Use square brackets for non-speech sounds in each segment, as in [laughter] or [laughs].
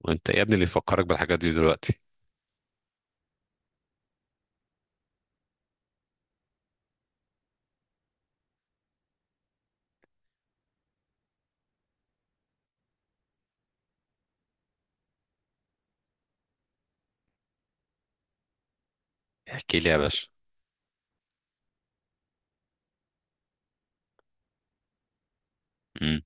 وانت يا ابني اللي يفكرك بالحاجات دي دلوقتي؟ احكي لي يا باشا. امم.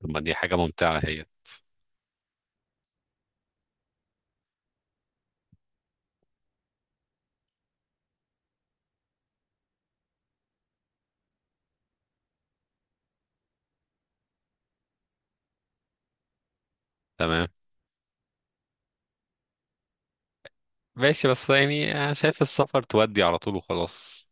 طب ما دي حاجه ممتعه هي. تمام. ماشي، بس يعني انا شايف السفر تودي على طول وخلاص.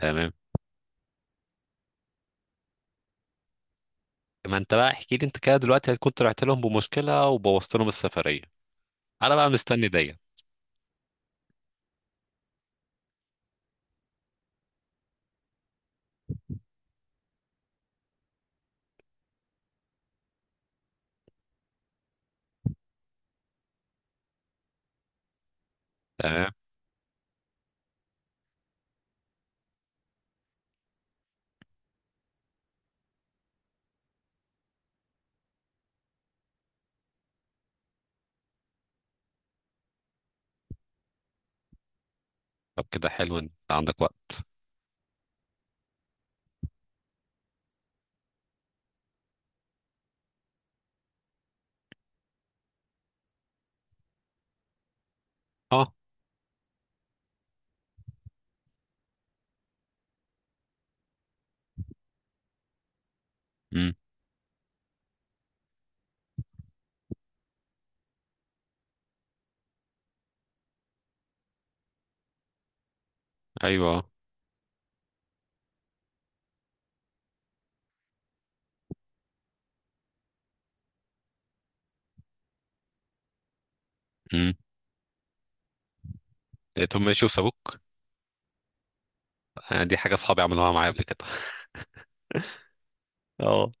تمام. ما انت بقى احكي لي، انت كده دلوقتي هتكون طلعت لهم بمشكله وبوظت لهم السفريه، انا بقى مستني دي. تمام. طب كده حلو، انت عندك وقت. اه. امم. ايوه. امم. لقيتهم ماشي وسابوك. آه، دي حاجه اصحابي عملوها معايا قبل كده. اه.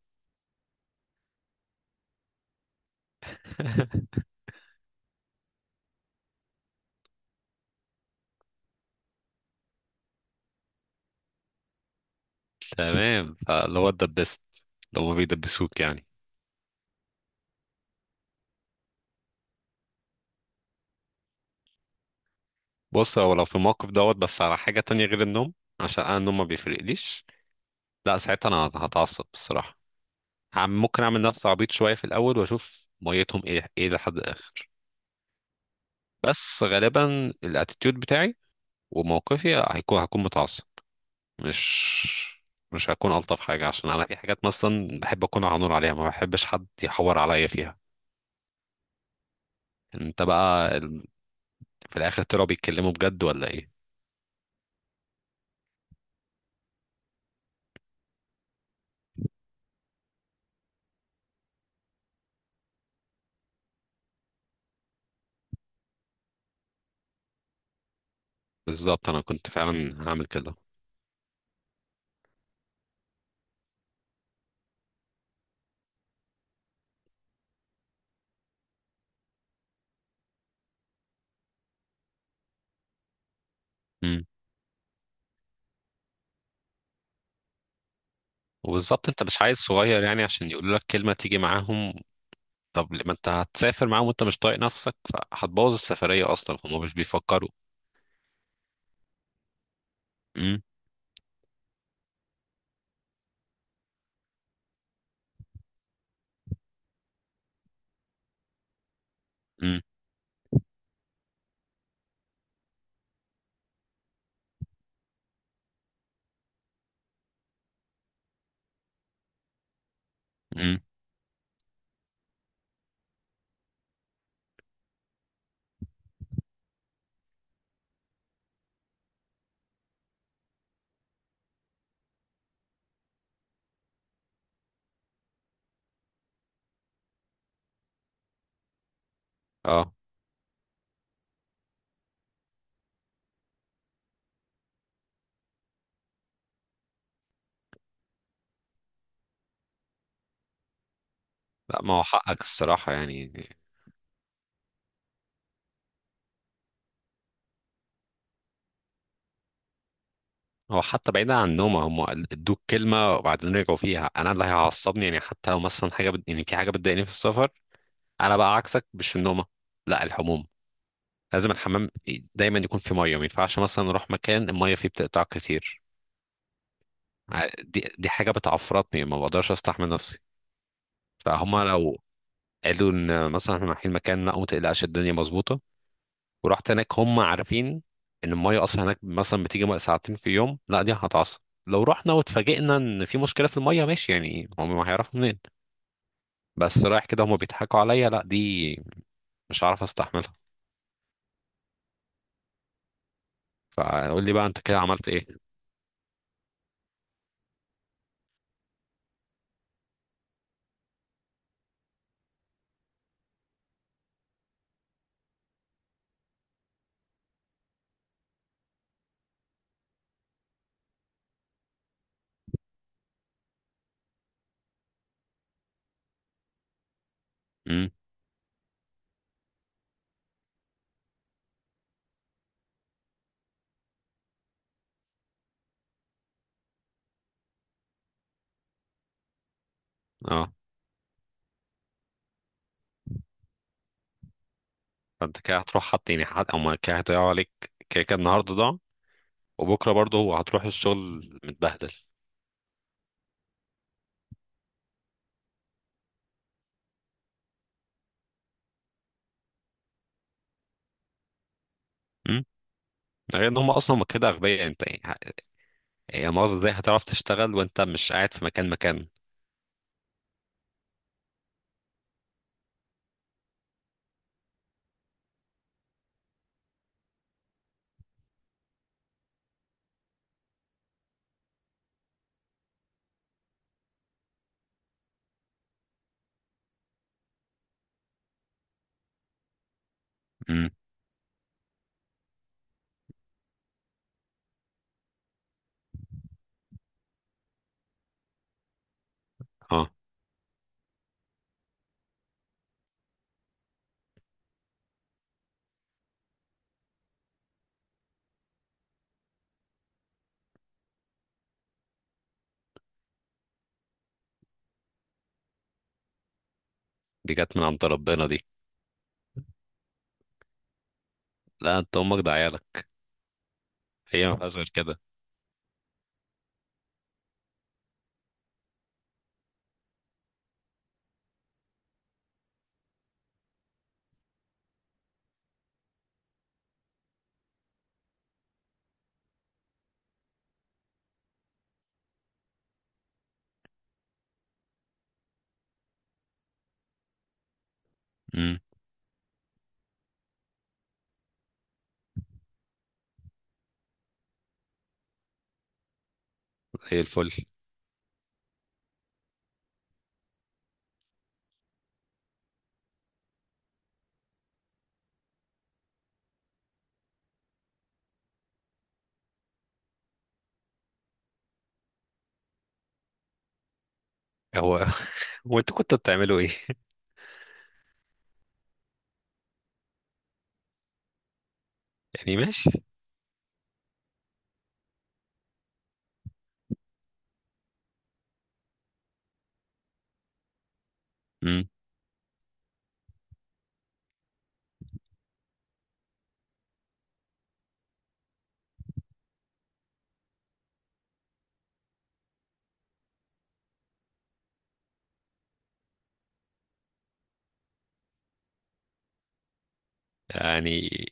[laughs] تمام، فاللي هو اتدبست لو ما بيدبسوك يعني. بص، هو لو في الموقف دوت بس على حاجة تانية غير النوم، عشان أنا النوم ما بيفرقليش. لا، ساعتها أنا هتعصب بصراحة. عم، ممكن أعمل نفسي عبيط شوية في الأول وأشوف ميتهم إيه لحد الآخر. بس غالبا الاتيتيود بتاعي وموقفي هكون متعصب، مش مش هكون ألطف حاجة، عشان أنا في حاجات مثلا بحب أكون على نور عليها، ما بحبش حد يحور عليا فيها. أنت بقى في الآخر طلعوا بيتكلموا بجد ولا إيه؟ بالظبط، أنا كنت فعلا هعمل كده. وبالظبط انت مش عايز صغير يعني عشان يقولوا لك كلمة تيجي معاهم. طب ما انت هتسافر معاهم وانت مش طايق نفسك، فهتبوظ السفرية اصلا، فهم مش بيفكروا. امم. امم. امم. اه. لا، ما هو حقك الصراحة يعني. هو حتى بعيدا عن النوم، هم ادوك كلمة وبعدين رجعوا فيها، انا اللي هيعصبني يعني، حتى لو مثلا حاجة يعني في حاجة بتضايقني في السفر. انا بقى عكسك، مش في النومة، لا الحموم. لازم الحمام دايما يكون في ميه، ما ينفعش مثلا اروح مكان الميه فيه بتقطع كتير. دي حاجة بتعفرتني، ما بقدرش استحمل نفسي. فهما لو قالوا ان مثلا احنا رايحين مكان، لا وما تقلقش الدنيا مظبوطة، ورحت هناك هم عارفين ان المية اصلا هناك مثلا بتيجي ساعتين في يوم، لا دي هتعصب. لو رحنا واتفاجئنا ان في مشكلة في المية ماشي يعني هم ما هيعرفوا منين، بس رايح كده هم بيضحكوا عليا، لا دي مش هعرف استحملها. فقول لي بقى انت كده عملت ايه؟ امم. اه. فانت كده هتروح حط يعني حد او ما كده هيضيعوا عليك كده كده النهارده ده، وبكره برضه هو هتروح الشغل متبهدل. إمم. ده غير ان هم اصلا هم كده اغبياء، انت يعني يعني مؤاخذة، ازاي هتعرف تشتغل وانت مش قاعد في مكان مكان؟ امم. اه. دي جت من عند ربنا دي. لا انت امك ده عيالك، هي ما فيهاش غير كده. امم. زي الفل. هو [laughs] هو انتوا كنتوا بتعملوا ايه؟ يعني ماشي. امم. يعني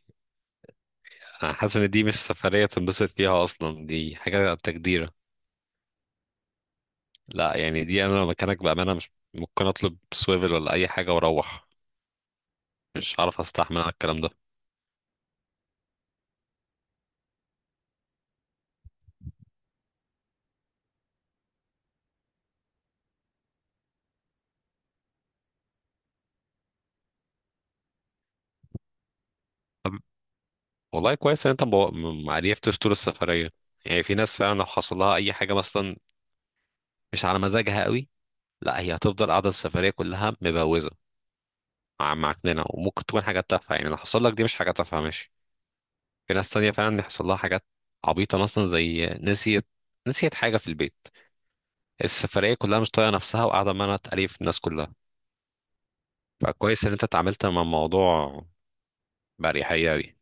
انا حاسس ان دي مش سفرية تنبسط فيها اصلا، دي حاجة تجديرة. لا يعني دي، انا لو مكانك بامانة مش ممكن اطلب سويفل ولا اي حاجة واروح، مش عارف استحمل الكلام ده. والله كويس ان انت ما عرفتش طول السفريه. يعني في ناس فعلا لو حصل لها اي حاجه مثلا مش على مزاجها قوي، لا هي هتفضل قاعده السفريه كلها مبوزه، معكننه، وممكن تكون حاجات تافهه، يعني لو حصل لك دي مش حاجه تافهه ماشي. في ناس تانية فعلا يحصل لها حاجات عبيطه مثلا زي نسيت حاجه في البيت، السفريه كلها مش طايقه نفسها وقاعده ما انا تقريف الناس كلها. فكويس ان انت اتعاملت مع الموضوع باريحيه قوي.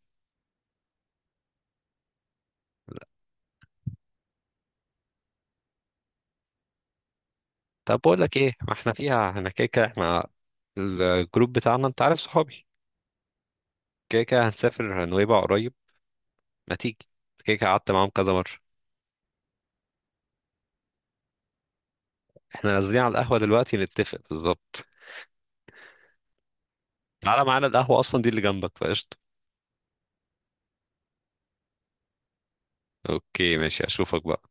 طب بقول لك ايه، ما احنا فيها احنا، كده كده احنا الجروب بتاعنا انت عارف صحابي، كده كده هنسافر نويبع قريب، ما تيجي، كده كده قعدت معاهم كذا مرة. احنا نازلين على القهوة دلوقتي نتفق بالظبط. تعالى معانا القهوة، أصلا دي اللي جنبك فقشطة. اوكي ماشي، أشوفك بقى.